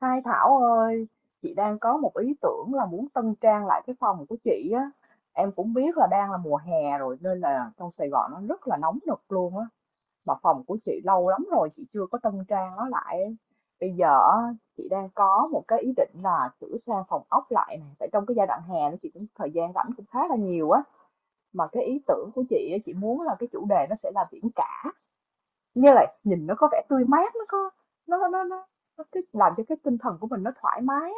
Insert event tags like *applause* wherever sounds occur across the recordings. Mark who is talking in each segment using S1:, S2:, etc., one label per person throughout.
S1: Hai Thảo ơi, chị đang có một ý tưởng là muốn tân trang lại cái phòng của chị á. Em cũng biết là đang là mùa hè rồi nên là trong Sài Gòn nó rất là nóng nực luôn á. Mà phòng của chị lâu lắm rồi chị chưa có tân trang nó lại. Bây giờ á, chị đang có một cái ý định là sửa sang phòng ốc lại này. Tại trong cái giai đoạn hè nó chị cũng thời gian rảnh cũng khá là nhiều á. Mà cái ý tưởng của chị á, chị muốn là cái chủ đề nó sẽ là biển cả. Như là nhìn nó có vẻ tươi mát, nó có nó nó nó nó cái làm cho cái tinh thần của mình nó thoải mái,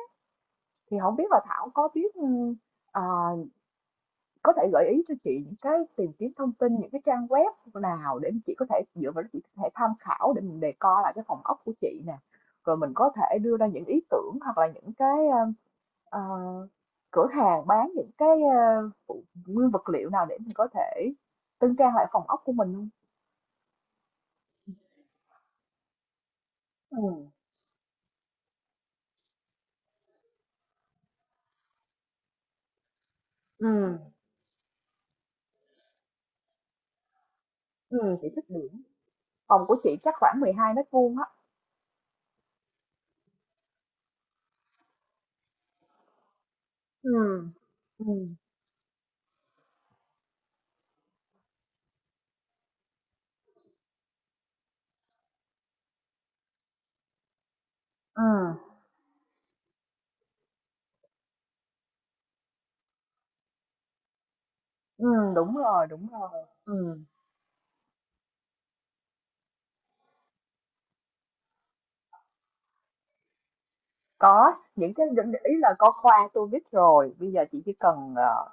S1: thì không biết là Thảo có biết, ờ, có thể gợi ý cho chị những cái tìm kiếm thông tin, những cái trang web nào để chị có thể dựa vào đó chị có thể tham khảo để mình đề co lại cái phòng ốc của chị nè, rồi mình có thể đưa ra những ý tưởng hoặc là những cái, ờ, cửa hàng bán những cái, phụ nguyên vật liệu nào để mình có thể tân trang lại phòng ốc của mình không? Ừ, ừ, ừ, chị thích biển. Phòng của chị chắc khoảng 12 mét vuông á. Ừ, ừ, ừ, đúng rồi, ừ, có những cái ý là có khoa tôi biết rồi bây giờ chị chỉ cần,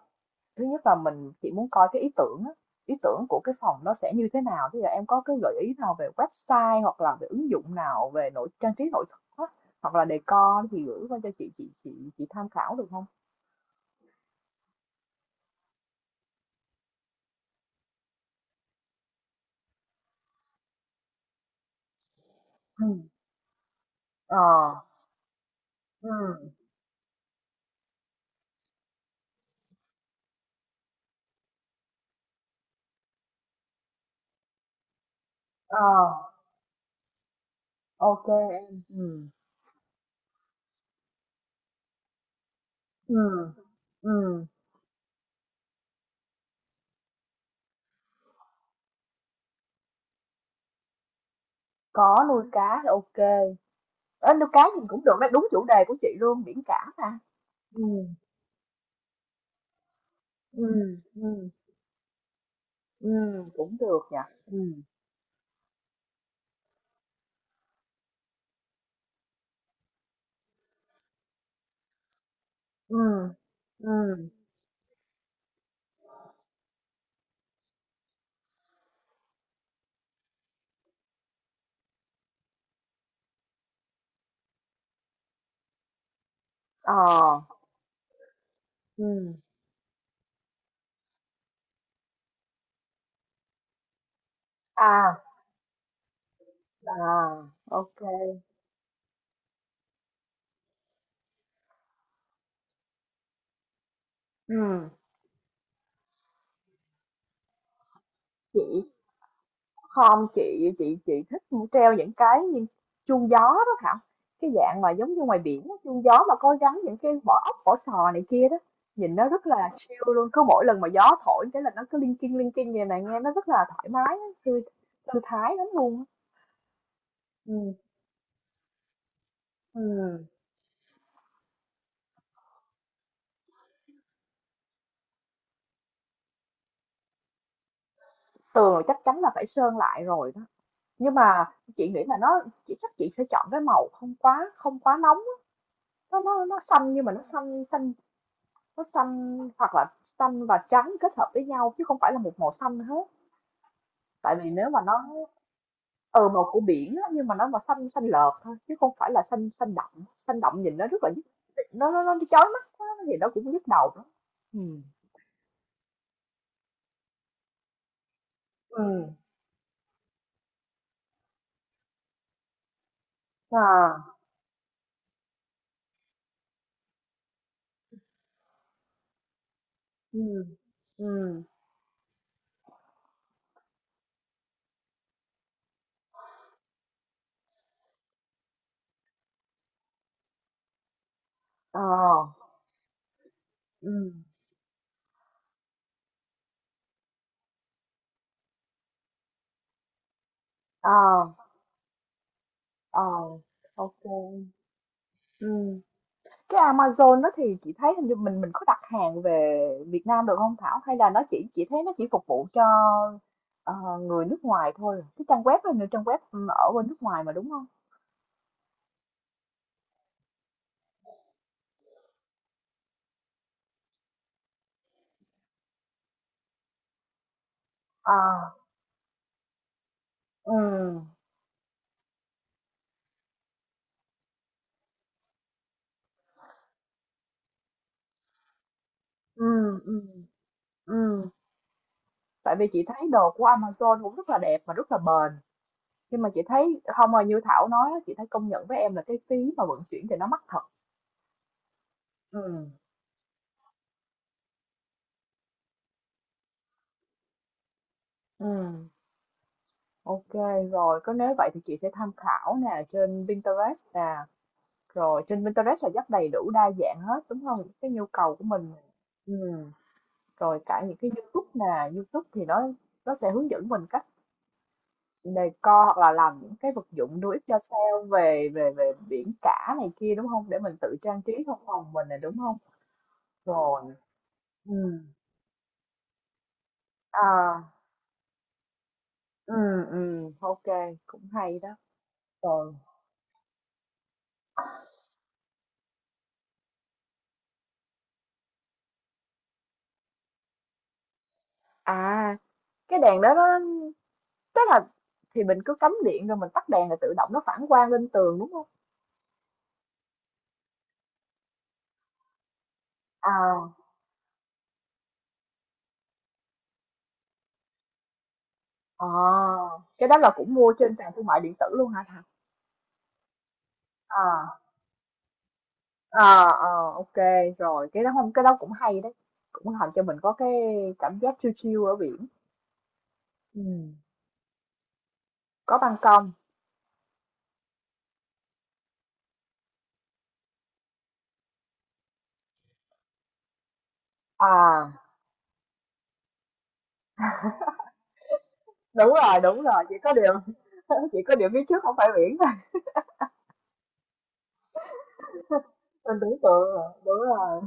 S1: thứ nhất là mình chị muốn coi cái ý tưởng á, ý tưởng của cái phòng nó sẽ như thế nào. Bây giờ em có cái gợi ý nào về website hoặc là về ứng dụng nào về nội trang trí nội thất á, hoặc là decor thì gửi qua cho chị tham khảo được không? Ừ, ờ, ừ, ờ, ok em, ừ, ừ, ừ, có nuôi cá thì ok. Ê, nuôi cá thì cũng được đấy, đúng chủ đề của chị luôn, biển cả mà. Ừ, ừ, ừ, ừ, cũng được nhỉ. Ừ, ừ, ừ, ờ, ừ, à, à, ok, ừ, chị không, chị thích treo những cái như chuông gió đó Thảo, cái dạng mà giống như ngoài biển á, chuông gió mà có gắn những cái vỏ ốc, vỏ sò này kia đó, nhìn nó rất là chill luôn, cứ mỗi lần mà gió thổi cái là nó cứ linh kinh như này, nghe nó rất là thoải mái á, thư thư thái lắm luôn á. Ừ, ừm, tường chắc chắn là phải sơn lại rồi đó. Nhưng mà chị nghĩ là nó, chị chắc chị sẽ chọn cái màu không quá nóng á. Nó xanh nhưng mà nó xanh xanh, nó xanh hoặc là xanh và trắng kết hợp với nhau chứ không phải là một màu xanh hết. Tại vì nếu mà nó, ờ màu của biển á, nhưng mà nó mà xanh xanh lợt thôi chứ không phải là xanh xanh đậm. Xanh đậm nhìn nó rất là nhức, nó chói mắt quá thì nó cũng nhức đầu lắm. Ừ. Ừ. À. Ừ. Ừ. Ờ. Ừ. Ờ. Ờ. Ok. Ừ. Cái Amazon đó thì chị thấy hình như mình có đặt hàng về Việt Nam được không Thảo? Hay là nó chỉ, chị thấy nó chỉ phục vụ cho, ờ, người nước ngoài thôi. Cái trang web đó là trang web, ừ, ở bên nước ngoài mà đúng không? À, ừ, ừ, ừ, ừ, tại vì chị thấy đồ của Amazon cũng rất là đẹp mà rất là bền. Nhưng mà chị thấy không, mà như Thảo nói á, chị thấy công nhận với em là cái phí mà vận chuyển thì nó mắc thật. Ừ, ừ, ok rồi, có, nếu vậy thì chị sẽ tham khảo nè trên Pinterest nè, rồi trên Pinterest là rất đầy đủ đa dạng hết, đúng không? Cái nhu cầu của mình, ừm, rồi cả những cái YouTube nè, YouTube thì nó sẽ hướng dẫn mình cách decor hoặc là làm những cái vật dụng do it yourself về về về biển cả này kia, đúng không? Để mình tự trang trí trong phòng mình nè, đúng không? Rồi, ừm, à, ô, cũng hay đó. Rồi, à, cái đèn đó nó, tức là thì mình cứ cắm điện rồi mình tắt đèn là tự động nó phản quang lên tường, đúng không? À. Ờ, cái đó là cũng mua trên sàn thương mại điện tử luôn hả Thảo? À, à, ờ, ok rồi, cái đó không, cái đó cũng hay đấy. Cũng làm cho mình có cái cảm giác chill chill ở biển. Ừ, có ban công. À, đúng rồi, chỉ có điều *laughs* chỉ có điều phía trước không phải biển thôi. *laughs* Mình tưởng tượng rồi, đúng rồi.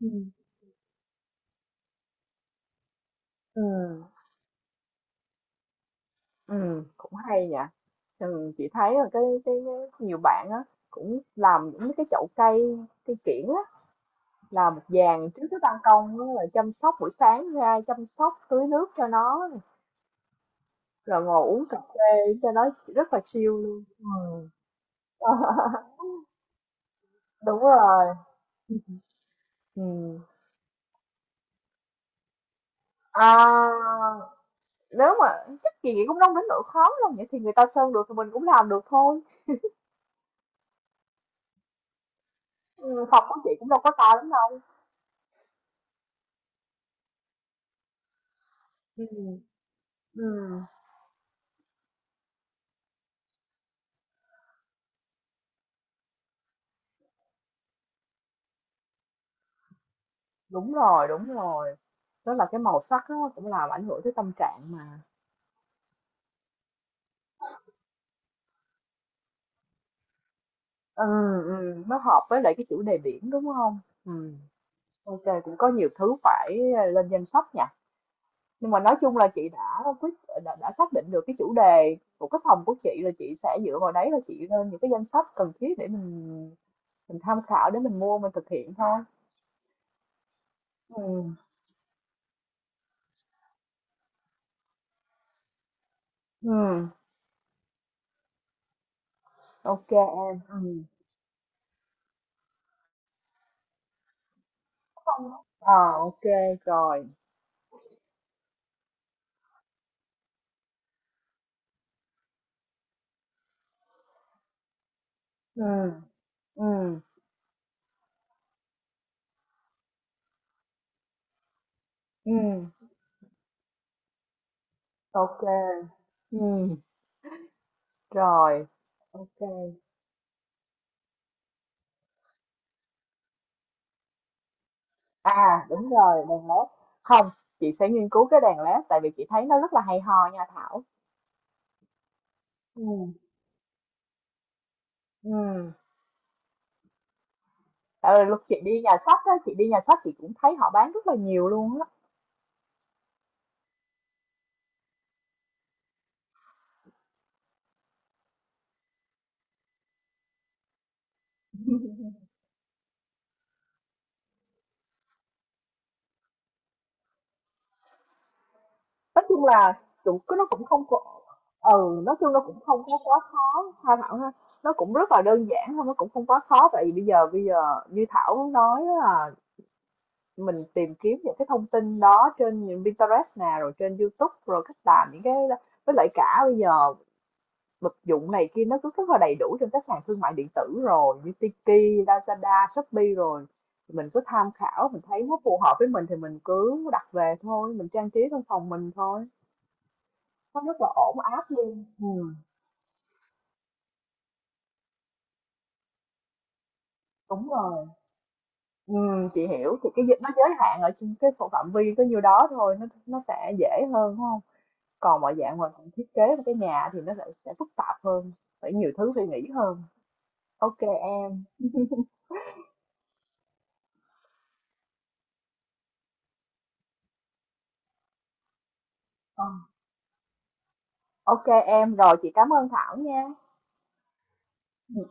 S1: Ừ. Ừ, ừ, cũng hay nhỉ. Ừ, chị thấy là cái nhiều bạn á cũng làm những cái chậu cây, cây kiểng. Làm một dàn trước cái ban công á, rồi chăm sóc buổi sáng ra, chăm sóc tưới nước cho nó nè, rồi ngồi uống cà phê cho nó rất là chill luôn. Ừm. *laughs* Đúng rồi, ừm. À, nếu mà chắc chị nghĩ cũng đâu đến nỗi khó đâu, vậy thì người ta sơn được thì mình cũng làm được thôi. Phòng của chị cũng đâu có to lắm đâu. Ừ, ừm, đúng rồi, đúng rồi. Tức là cái màu sắc nó cũng làm ảnh hưởng tới tâm trạng mà. Ừ, ừ, nó hợp với lại cái chủ đề biển đúng không? Ừ. OK, cũng có nhiều thứ phải, lên danh sách nhỉ. Nhưng mà nói chung là chị đã đã xác định được cái chủ đề của cái phòng của chị, là chị sẽ dựa vào đấy là chị lên những cái danh sách cần thiết để mình tham khảo để mình mua mình thực hiện thôi. Ừ. Ừ. Ok em. Ừ. Ờ, ok rồi. Ừ. Ừ. Ừ. Ok. Ừ. Rồi. Ok. À đúng rồi, đèn led. Không, chị sẽ nghiên cứu cái đèn led, tại vì chị thấy nó rất là hay ho nha Thảo. Ừ, ừ. Tại vì lúc chị đi nhà sách á, chị đi nhà sách chị cũng thấy họ bán rất là nhiều luôn á. Nói chung là chủ nó cũng không có, ừ, nói chung nó cũng không có quá khó. Tha Thảo ha, nó cũng rất là đơn giản thôi, nó cũng không quá khó. Tại vì bây giờ như Thảo nói á là mình tìm kiếm những cái thông tin đó trên những Pinterest nè, rồi trên YouTube, rồi cách làm những cái, với lại cả bây giờ vật dụng này kia nó cứ rất là đầy đủ trên các sàn thương mại điện tử rồi như Tiki, Lazada, Shopee rồi. Thì mình cứ tham khảo, mình thấy nó phù hợp với mình thì mình cứ đặt về thôi, mình trang trí trong phòng mình thôi, nó rất là ổn áp luôn. Ừ. Đúng rồi, ừ, chị hiểu, thì cái dịch nó giới hạn ở trên cái phạm vi có nhiêu đó thôi, nó sẽ dễ hơn đúng không? Còn mọi dạng mà mình thiết kế một cái nhà thì nó lại sẽ phức tạp hơn, phải nhiều thứ phải nghĩ hơn. Ok em. Ờ. Ok em, rồi chị cảm ơn Thảo nha. Ừ,